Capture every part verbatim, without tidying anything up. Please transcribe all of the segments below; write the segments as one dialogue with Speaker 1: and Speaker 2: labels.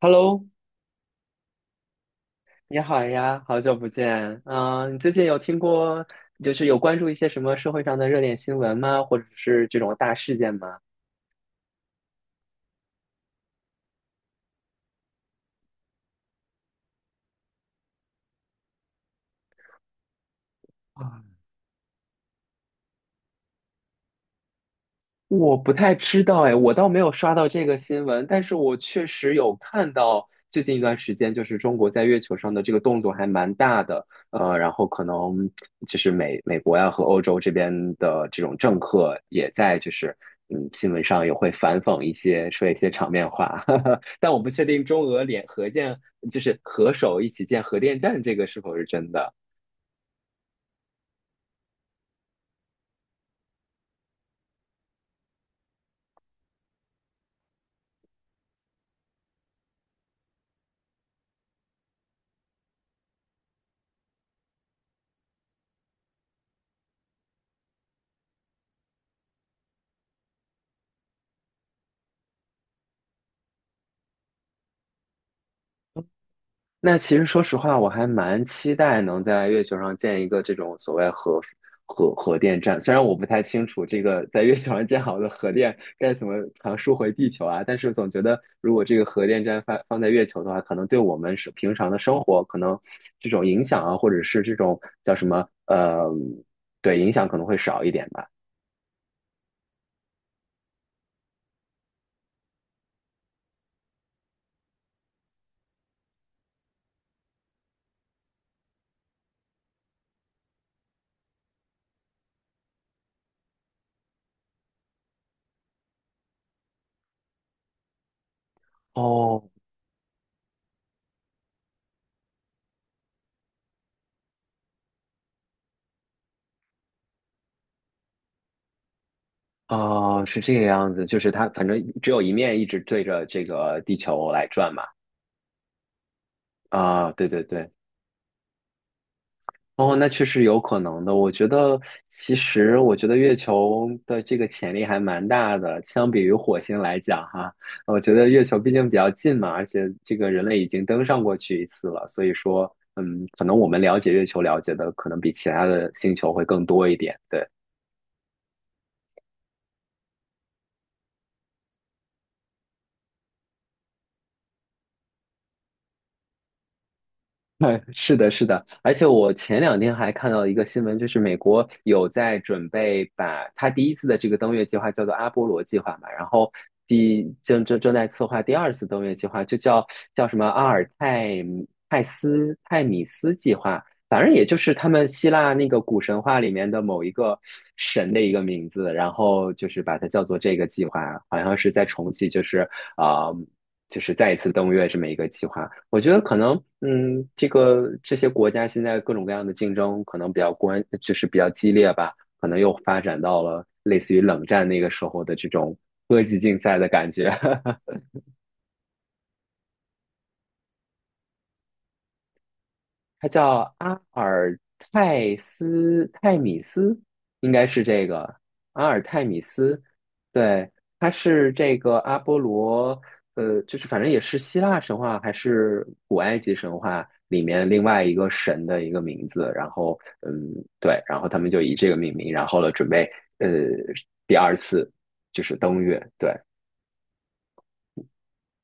Speaker 1: Hello，你好呀，好久不见。嗯、你最近有听过，就是有关注一些什么社会上的热点新闻吗？或者是这种大事件吗？我不太知道哎，我倒没有刷到这个新闻，但是我确实有看到最近一段时间，就是中国在月球上的这个动作还蛮大的，呃，然后可能就是美美国呀和欧洲这边的这种政客也在就是嗯新闻上也会反讽一些说一些场面话，哈哈。但我不确定中俄联合建就是合手一起建核电站这个是否是真的。那其实说实话，我还蛮期待能在月球上建一个这种所谓核核核电站。虽然我不太清楚这个在月球上建好的核电该怎么传输回地球啊，但是总觉得如果这个核电站放放在月球的话，可能对我们是平常的生活可能这种影响啊，或者是这种叫什么呃，对影响可能会少一点吧。哦，哦，是这个样子，就是它反正只有一面一直对着这个地球来转嘛。啊，对对对。哦，那确实有可能的。我觉得，其实我觉得月球的这个潜力还蛮大的，相比于火星来讲，哈，我觉得月球毕竟比较近嘛，而且这个人类已经登上过去一次了，所以说，嗯，可能我们了解月球了解的可能比其他的星球会更多一点。对。哎，是的，是的，而且我前两天还看到一个新闻，就是美国有在准备把它第一次的这个登月计划叫做阿波罗计划嘛，然后第正正正在策划第二次登月计划，就叫叫什么阿尔泰泰斯泰米斯计划，反正也就是他们希腊那个古神话里面的某一个神的一个名字，然后就是把它叫做这个计划，好像是在重启，就是啊。呃就是再一次登月这么一个计划。我觉得可能，嗯，这个这些国家现在各种各样的竞争可能比较关，就是比较激烈吧，可能又发展到了类似于冷战那个时候的这种科技竞赛的感觉。它叫阿尔泰斯泰米斯，应该是这个阿尔泰米斯。对，它是这个阿波罗，呃，就是反正也是希腊神话还是古埃及神话里面另外一个神的一个名字。然后，嗯，对，然后他们就以这个命名，然后呢，准备呃第二次就是登月。对，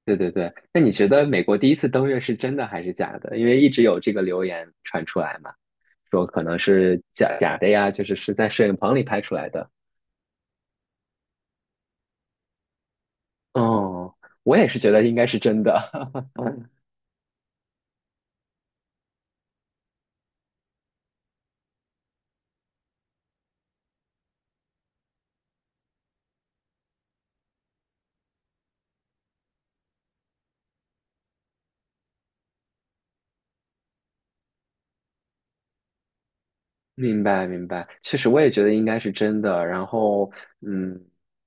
Speaker 1: 对对对。那你觉得美国第一次登月是真的还是假的？因为一直有这个流言传出来嘛。说可能是假假的呀，就是是在摄影棚里拍出来的。哦，我也是觉得应该是真的。明白，明白，确实我也觉得应该是真的。然后，嗯，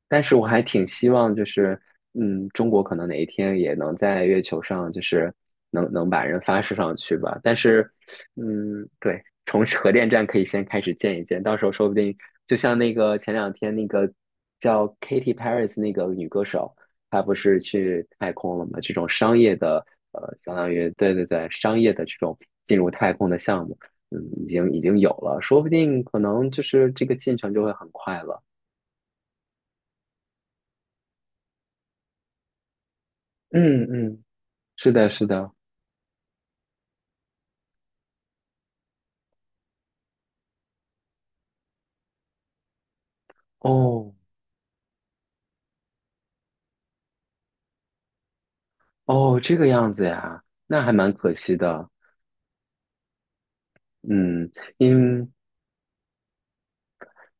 Speaker 1: 但是我还挺希望，就是，嗯，中国可能哪一天也能在月球上，就是能能把人发射上去吧。但是，嗯，对，从核电站可以先开始建一建，到时候说不定就像那个前两天那个叫 Katy Perry 那个女歌手，她不是去太空了吗？这种商业的，呃，相当于对对对，商业的这种进入太空的项目。嗯，已经已经有了，说不定可能就是这个进程就会很快了。嗯嗯，是的，是的。哦哦，这个样子呀，那还蛮可惜的。嗯，因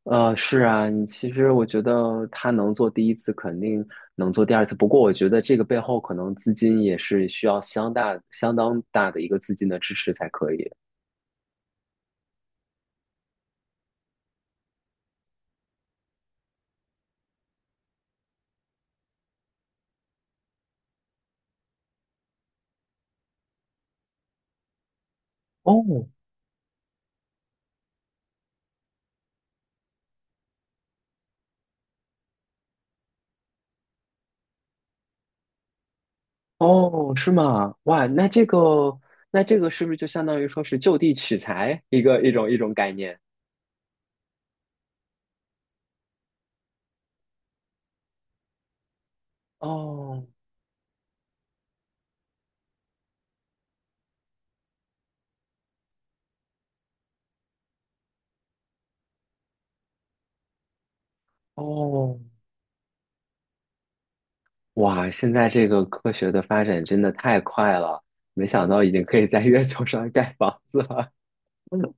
Speaker 1: 呃是啊，你其实我觉得他能做第一次，肯定能做第二次。不过我觉得这个背后可能资金也是需要相大相当大的一个资金的支持才可以。哦，哦，是吗？哇，那这个，那这个是不是就相当于说是就地取材一个一种一种概念？哦哦，哇，现在这个科学的发展真的太快了，没想到已经可以在月球上盖房子了。嗯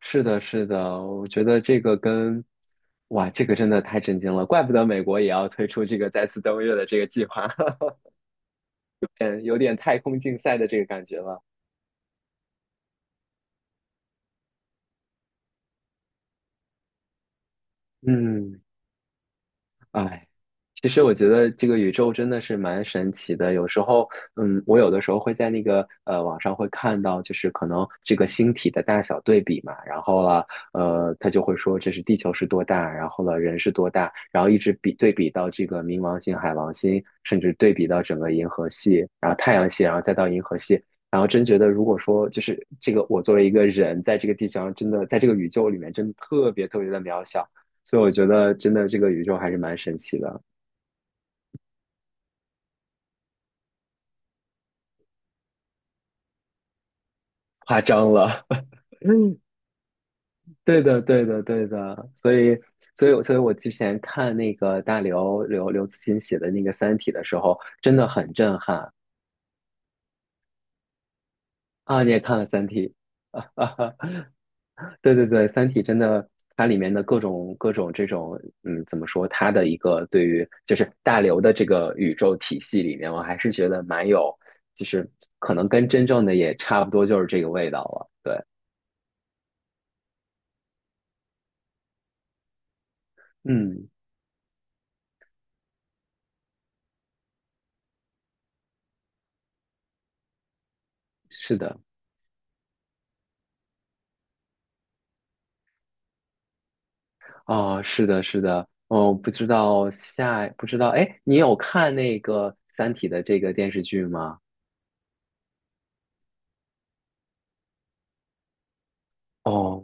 Speaker 1: 是的，是的，我觉得这个跟，哇，这个真的太震惊了，怪不得美国也要推出这个再次登月的这个计划，嗯有点太空竞赛的这个感觉了。嗯。哎，其实我觉得这个宇宙真的是蛮神奇的。有时候，嗯，我有的时候会在那个呃网上会看到，就是可能这个星体的大小对比嘛，然后了，呃，他就会说这是地球是多大，然后了人是多大，然后一直比对比到这个冥王星、海王星，甚至对比到整个银河系，然后太阳系，然后再到银河系。然后真觉得，如果说就是这个，我作为一个人，在这个地球上，真的在这个宇宙里面，真的特别特别的渺小。所以我觉得真的这个宇宙还是蛮神奇的，夸张了。嗯，对的，对的，对的。所以，所以，所以我之前看那个大刘刘刘慈欣写的那个《三体》的时候，真的很震撼啊！你也看了《三体》啊？对对对，《三体》真的，它里面的各种各种这种，嗯，怎么说？它的一个对于就是大刘的这个宇宙体系里面，我还是觉得蛮有，就是可能跟真正的也差不多，就是这个味道了。对，嗯。是的，哦，是的，是的，哦，不知道下，不知道，哎，你有看那个《三体》的这个电视剧吗？哦，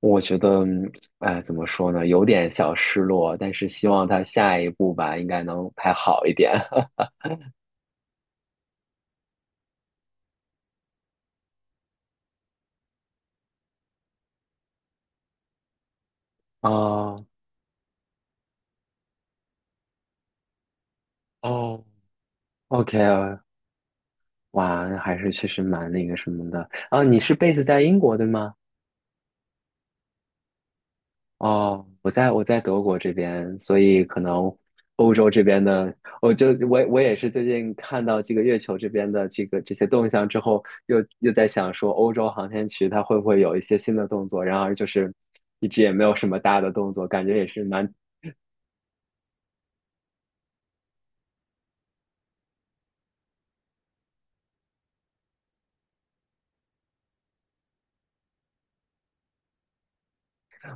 Speaker 1: 我觉得，嗯哎，怎么说呢，有点小失落，但是希望他下一部吧，应该能拍好一点。哦，哦，O K，哇，那还是确实蛮那个什么的。啊，你是贝斯在英国对吗？哦，我在我在德国这边，所以可能欧洲这边的，我就我我也是最近看到这个月球这边的这个这些动向之后，又又在想说，欧洲航天局它会不会有一些新的动作？然而就是一直也没有什么大的动作，感觉也是蛮，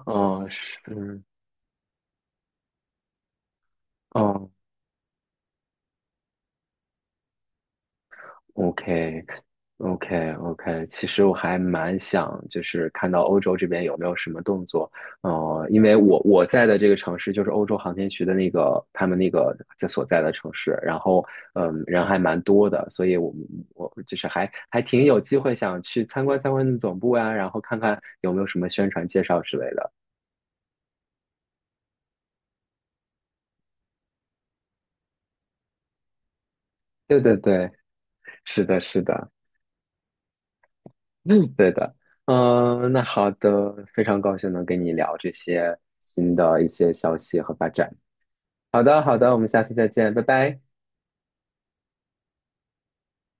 Speaker 1: 嗯，是，嗯。哦 o k o k o k 其实我还蛮想，就是看到欧洲这边有没有什么动作，呃，因为我我在的这个城市就是欧洲航天局的那个他们那个在所在的城市，然后嗯，人还蛮多的，所以我们我就是还还挺有机会想去参观参观总部呀，然后看看有没有什么宣传介绍之类的。对对对，是的，是的。对的，嗯，那好的，非常高兴能跟你聊这些新的一些消息和发展。好的，好的，我们下次再见，拜拜。